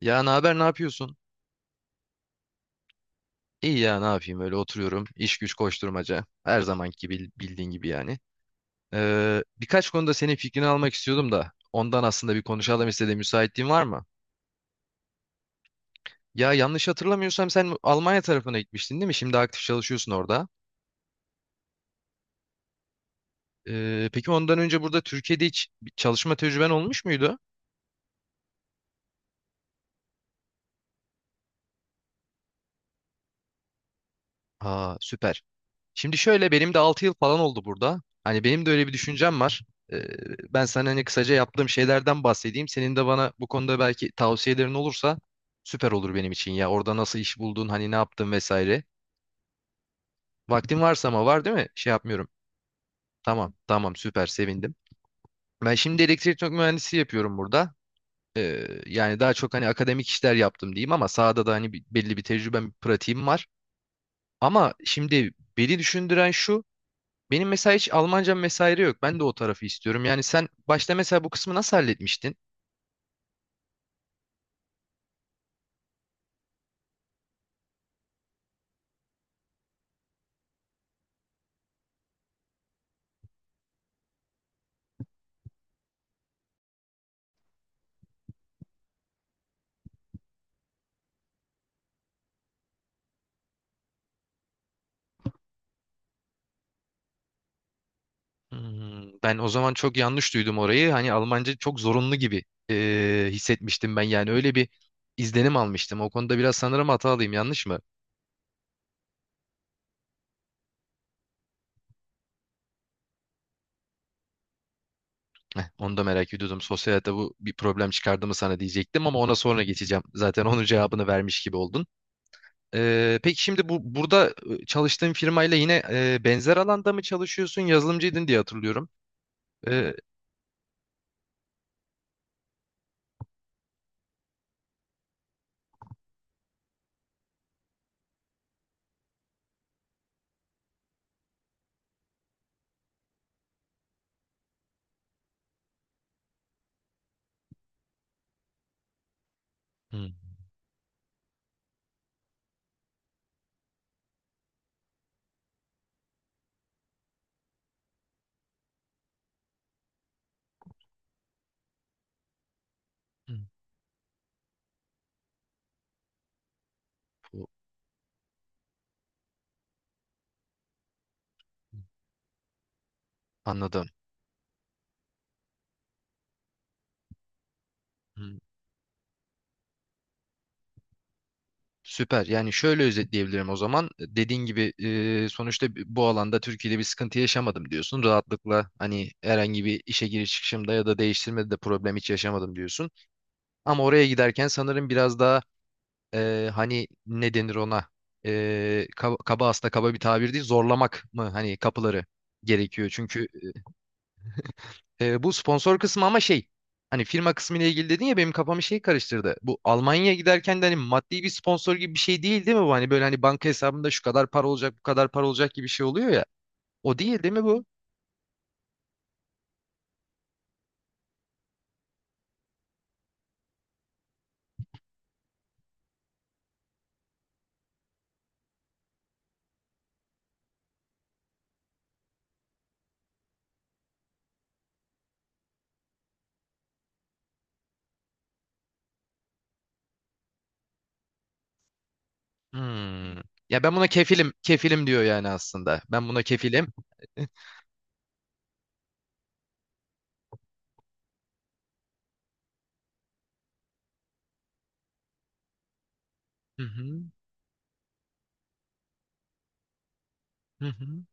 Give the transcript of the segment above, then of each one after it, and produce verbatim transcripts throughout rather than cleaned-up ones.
Ya ne haber, ne yapıyorsun? İyi ya ne yapayım öyle oturuyorum. İş güç koşturmaca. Her zamanki gibi bildiğin gibi yani. Ee, birkaç konuda senin fikrini almak istiyordum da ondan aslında bir konuşalım istedim. Müsaitliğin var mı? Ya yanlış hatırlamıyorsam sen Almanya tarafına gitmiştin değil mi? Şimdi aktif çalışıyorsun orada. Ee, peki ondan önce burada Türkiye'de hiç bir çalışma tecrüben olmuş muydu? Aa süper. Şimdi şöyle benim de altı yıl falan oldu burada. Hani benim de öyle bir düşüncem var. Ee, ben sana hani kısaca yaptığım şeylerden bahsedeyim. Senin de bana bu konuda belki tavsiyelerin olursa süper olur benim için ya. Orada nasıl iş buldun, hani ne yaptın vesaire. Vaktin varsa ama var değil mi? Şey yapmıyorum. Tamam, tamam süper sevindim. Ben şimdi elektrik mühendisi yapıyorum burada. Ee, yani daha çok hani akademik işler yaptım diyeyim ama sahada da hani bir- belli bir tecrübem, pratiğim var. Ama şimdi beni düşündüren şu. Benim mesela hiç Almancam vesaire yok. Ben de o tarafı istiyorum. Yani sen başta mesela bu kısmı nasıl halletmiştin? Hmm, ben o zaman çok yanlış duydum orayı. Hani Almanca çok zorunlu gibi eee, hissetmiştim ben. Yani öyle bir izlenim almıştım. O konuda biraz sanırım hatalıyım. Yanlış mı? Heh, onu da merak ediyordum. Sosyal hayatta bu bir problem çıkardı mı sana diyecektim ama ona sonra geçeceğim. Zaten onun cevabını vermiş gibi oldun. Eee, peki şimdi bu burada e, çalıştığın firmayla yine e, benzer alanda mı çalışıyorsun? Yazılımcıydın diye hatırlıyorum. Eee, Hmm. Hmm. Anladım. Hmm, süper. Yani şöyle özetleyebilirim o zaman. Dediğin gibi e, sonuçta bi- bu alanda Türkiye'de bir sıkıntı yaşamadım diyorsun. Rahatlıkla hani herhangi bir işe giriş çıkışımda ya da değiştirmede de problem hiç yaşamadım diyorsun. Ama oraya giderken sanırım biraz daha e, hani ne denir ona? E, kaba, kaba aslında kaba bir tabir değil. Zorlamak mı hani kapıları gerekiyor. Çünkü. Ee, bu sponsor kısmı ama şey hani firma kısmı ile ilgili dedin ya benim kafamı şey karıştırdı. Bu Almanya'ya giderken de hani maddi bir sponsor gibi bir şey değil değil mi bu? Hani böyle hani banka hesabında şu kadar para olacak bu kadar para olacak gibi bir şey oluyor ya. O değil değil mi bu? Hmm. Ya ben buna kefilim kefilim diyor yani aslında. Ben buna kefilim. Hı hı, hı hı.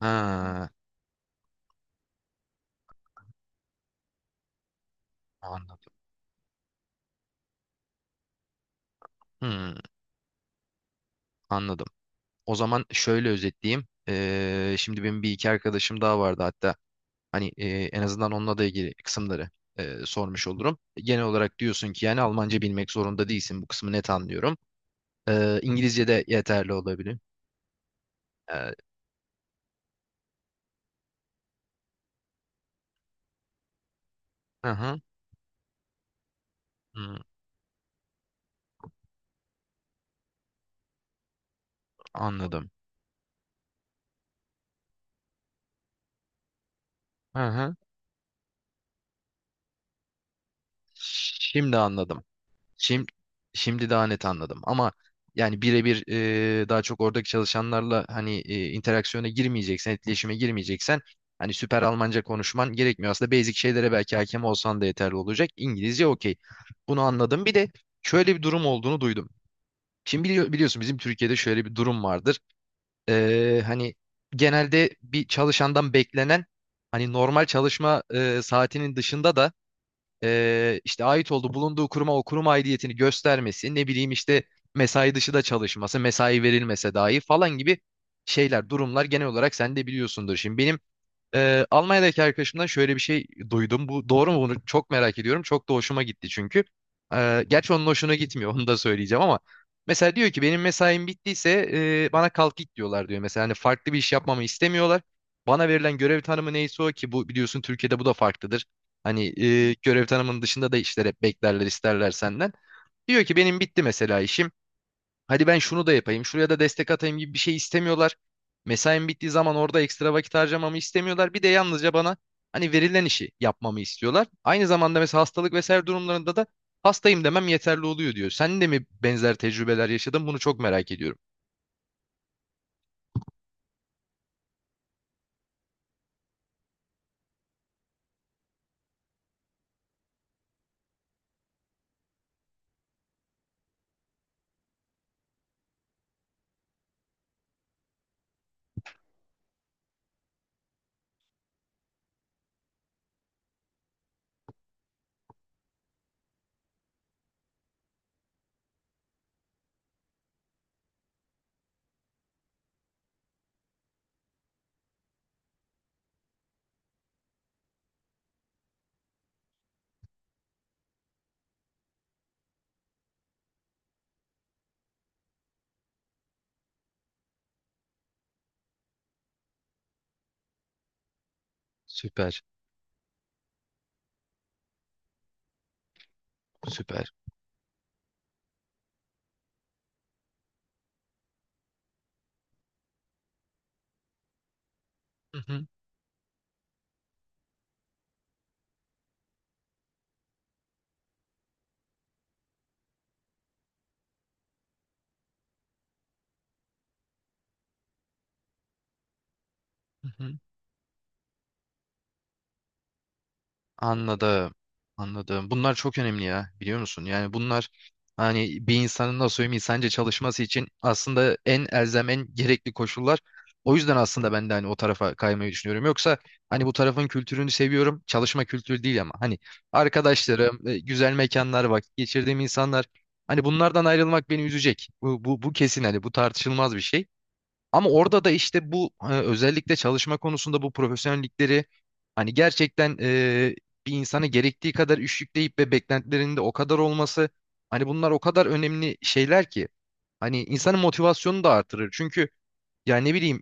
Ha, anladım. Hmm, anladım. O zaman şöyle özetleyeyim. Ee, şimdi benim bir iki arkadaşım daha vardı hatta. Hani e, en azından onunla da ilgili kısımları e, sormuş olurum. Genel olarak diyorsun ki yani Almanca bilmek zorunda değilsin. Bu kısmı net anlıyorum. E, İngilizce de yeterli olabilir. E, hı hı, hı, anladım. Hı hı. Şimdi anladım. Şimdi, şimdi daha net anladım ama yani birebir e, daha çok oradaki çalışanlarla hani e, interaksiyona girmeyeceksen, etkileşime girmeyeceksen hani süper Almanca konuşman gerekmiyor. Aslında basic şeylere belki hakem olsan da yeterli olacak. İngilizce okey. Bunu anladım. Bir de şöyle bir durum olduğunu duydum. Şimdi bili- biliyorsun bizim Türkiye'de şöyle bir durum vardır. E, hani genelde bir çalışandan beklenen hani normal çalışma e, saatinin dışında da e, işte ait olduğu bulunduğu kuruma o kurum aidiyetini göstermesi, ne bileyim işte mesai dışı da çalışması, mesai verilmese dahi falan gibi şeyler, durumlar genel olarak sen de biliyorsundur. Şimdi benim ee, Almanya'daki arkadaşımdan şöyle bir şey duydum. Bu doğru mu? Bunu çok merak ediyorum. Çok da hoşuma gitti çünkü. Ee, gerçi onun hoşuna gitmiyor. Onu da söyleyeceğim ama. Mesela diyor ki benim mesaim bittiyse e, bana kalk git diyorlar diyor. Mesela hani farklı bir iş yapmamı istemiyorlar. Bana verilen görev tanımı neyse o ki bu biliyorsun Türkiye'de bu da farklıdır. Hani e, görev tanımının dışında da işler hep beklerler isterler senden. Diyor ki benim bitti mesela işim. Hadi ben şunu da yapayım, şuraya da destek atayım gibi bir şey istemiyorlar. Mesaim bittiği zaman orada ekstra vakit harcamamı istemiyorlar. Bir de yalnızca bana hani verilen işi yapmamı istiyorlar. Aynı zamanda mesela hastalık vesaire durumlarında da hastayım demem yeterli oluyor diyor. Sen de mi benzer tecrübeler yaşadın? Bunu çok merak ediyorum. Süper, süper. Hı hı, hı hı. Anladım. Anladım. Bunlar çok önemli ya biliyor musun? Yani bunlar hani bir insanın nasıl söyleyeyim insanca çalışması için aslında en elzem en gerekli koşullar. O yüzden aslında ben de hani o tarafa kaymayı düşünüyorum. Yoksa hani bu tarafın kültürünü seviyorum. Çalışma kültürü değil ama hani arkadaşlarım, e, güzel mekanlar, vakit geçirdiğim insanlar hani bunlardan ayrılmak beni üzecek. Bu, bu, bu kesin, hani bu tartışılmaz bir şey. Ama orada da işte bu e, özellikle çalışma konusunda bu profesyonellikleri hani gerçekten e, bir insana gerektiği kadar iş yükleyip ve beklentilerinin de o kadar olması, hani bunlar o kadar önemli şeyler ki hani insanın motivasyonunu da artırır. Çünkü ya ne bileyim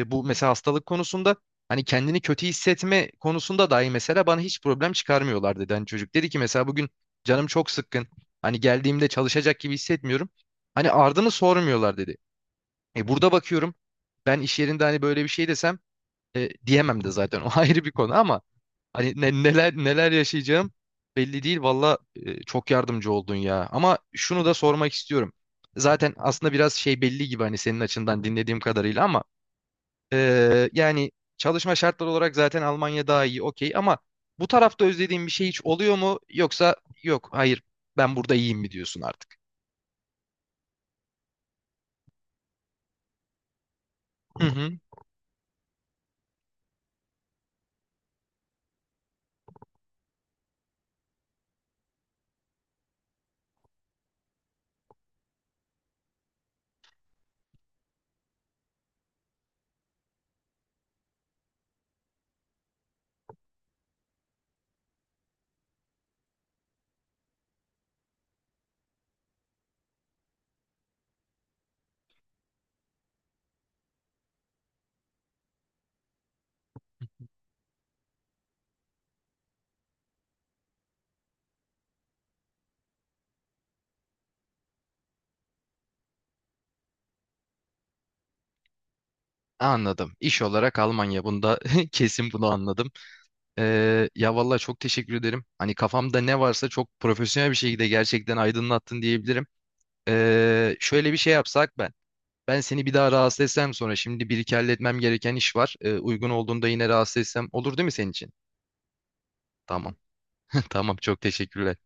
e, bu mesela hastalık konusunda hani kendini kötü hissetme konusunda dahi mesela bana hiç problem çıkarmıyorlar dedi. Hani çocuk dedi ki mesela bugün canım çok sıkkın, hani geldiğimde çalışacak gibi hissetmiyorum. Hani ardını sormuyorlar dedi. E burada bakıyorum ben iş yerinde hani böyle bir şey desem, e, diyemem de zaten o ayrı bir konu, ama hani ne- neler neler yaşayacağım belli değil valla. E, çok yardımcı oldun ya, ama şunu da sormak istiyorum. Zaten aslında biraz şey belli gibi, hani senin açından dinlediğim kadarıyla, ama e, yani çalışma şartları olarak zaten Almanya daha iyi okey, ama bu tarafta özlediğin bir şey hiç oluyor mu, yoksa yok, hayır, ben burada iyiyim mi diyorsun artık? Hı hı. Anladım. İş olarak Almanya bunda kesin, bunu anladım. Ee, ya vallahi çok teşekkür ederim. Hani kafamda ne varsa çok profesyonel bir şekilde gerçekten aydınlattın diyebilirim. Ee, şöyle bir şey yapsak ben. Ben seni bir daha rahatsız etsem, sonra şimdi bir iki halletmem gereken iş var. Ee, uygun olduğunda yine rahatsız etsem olur değil mi senin için? Tamam. Tamam çok teşekkürler.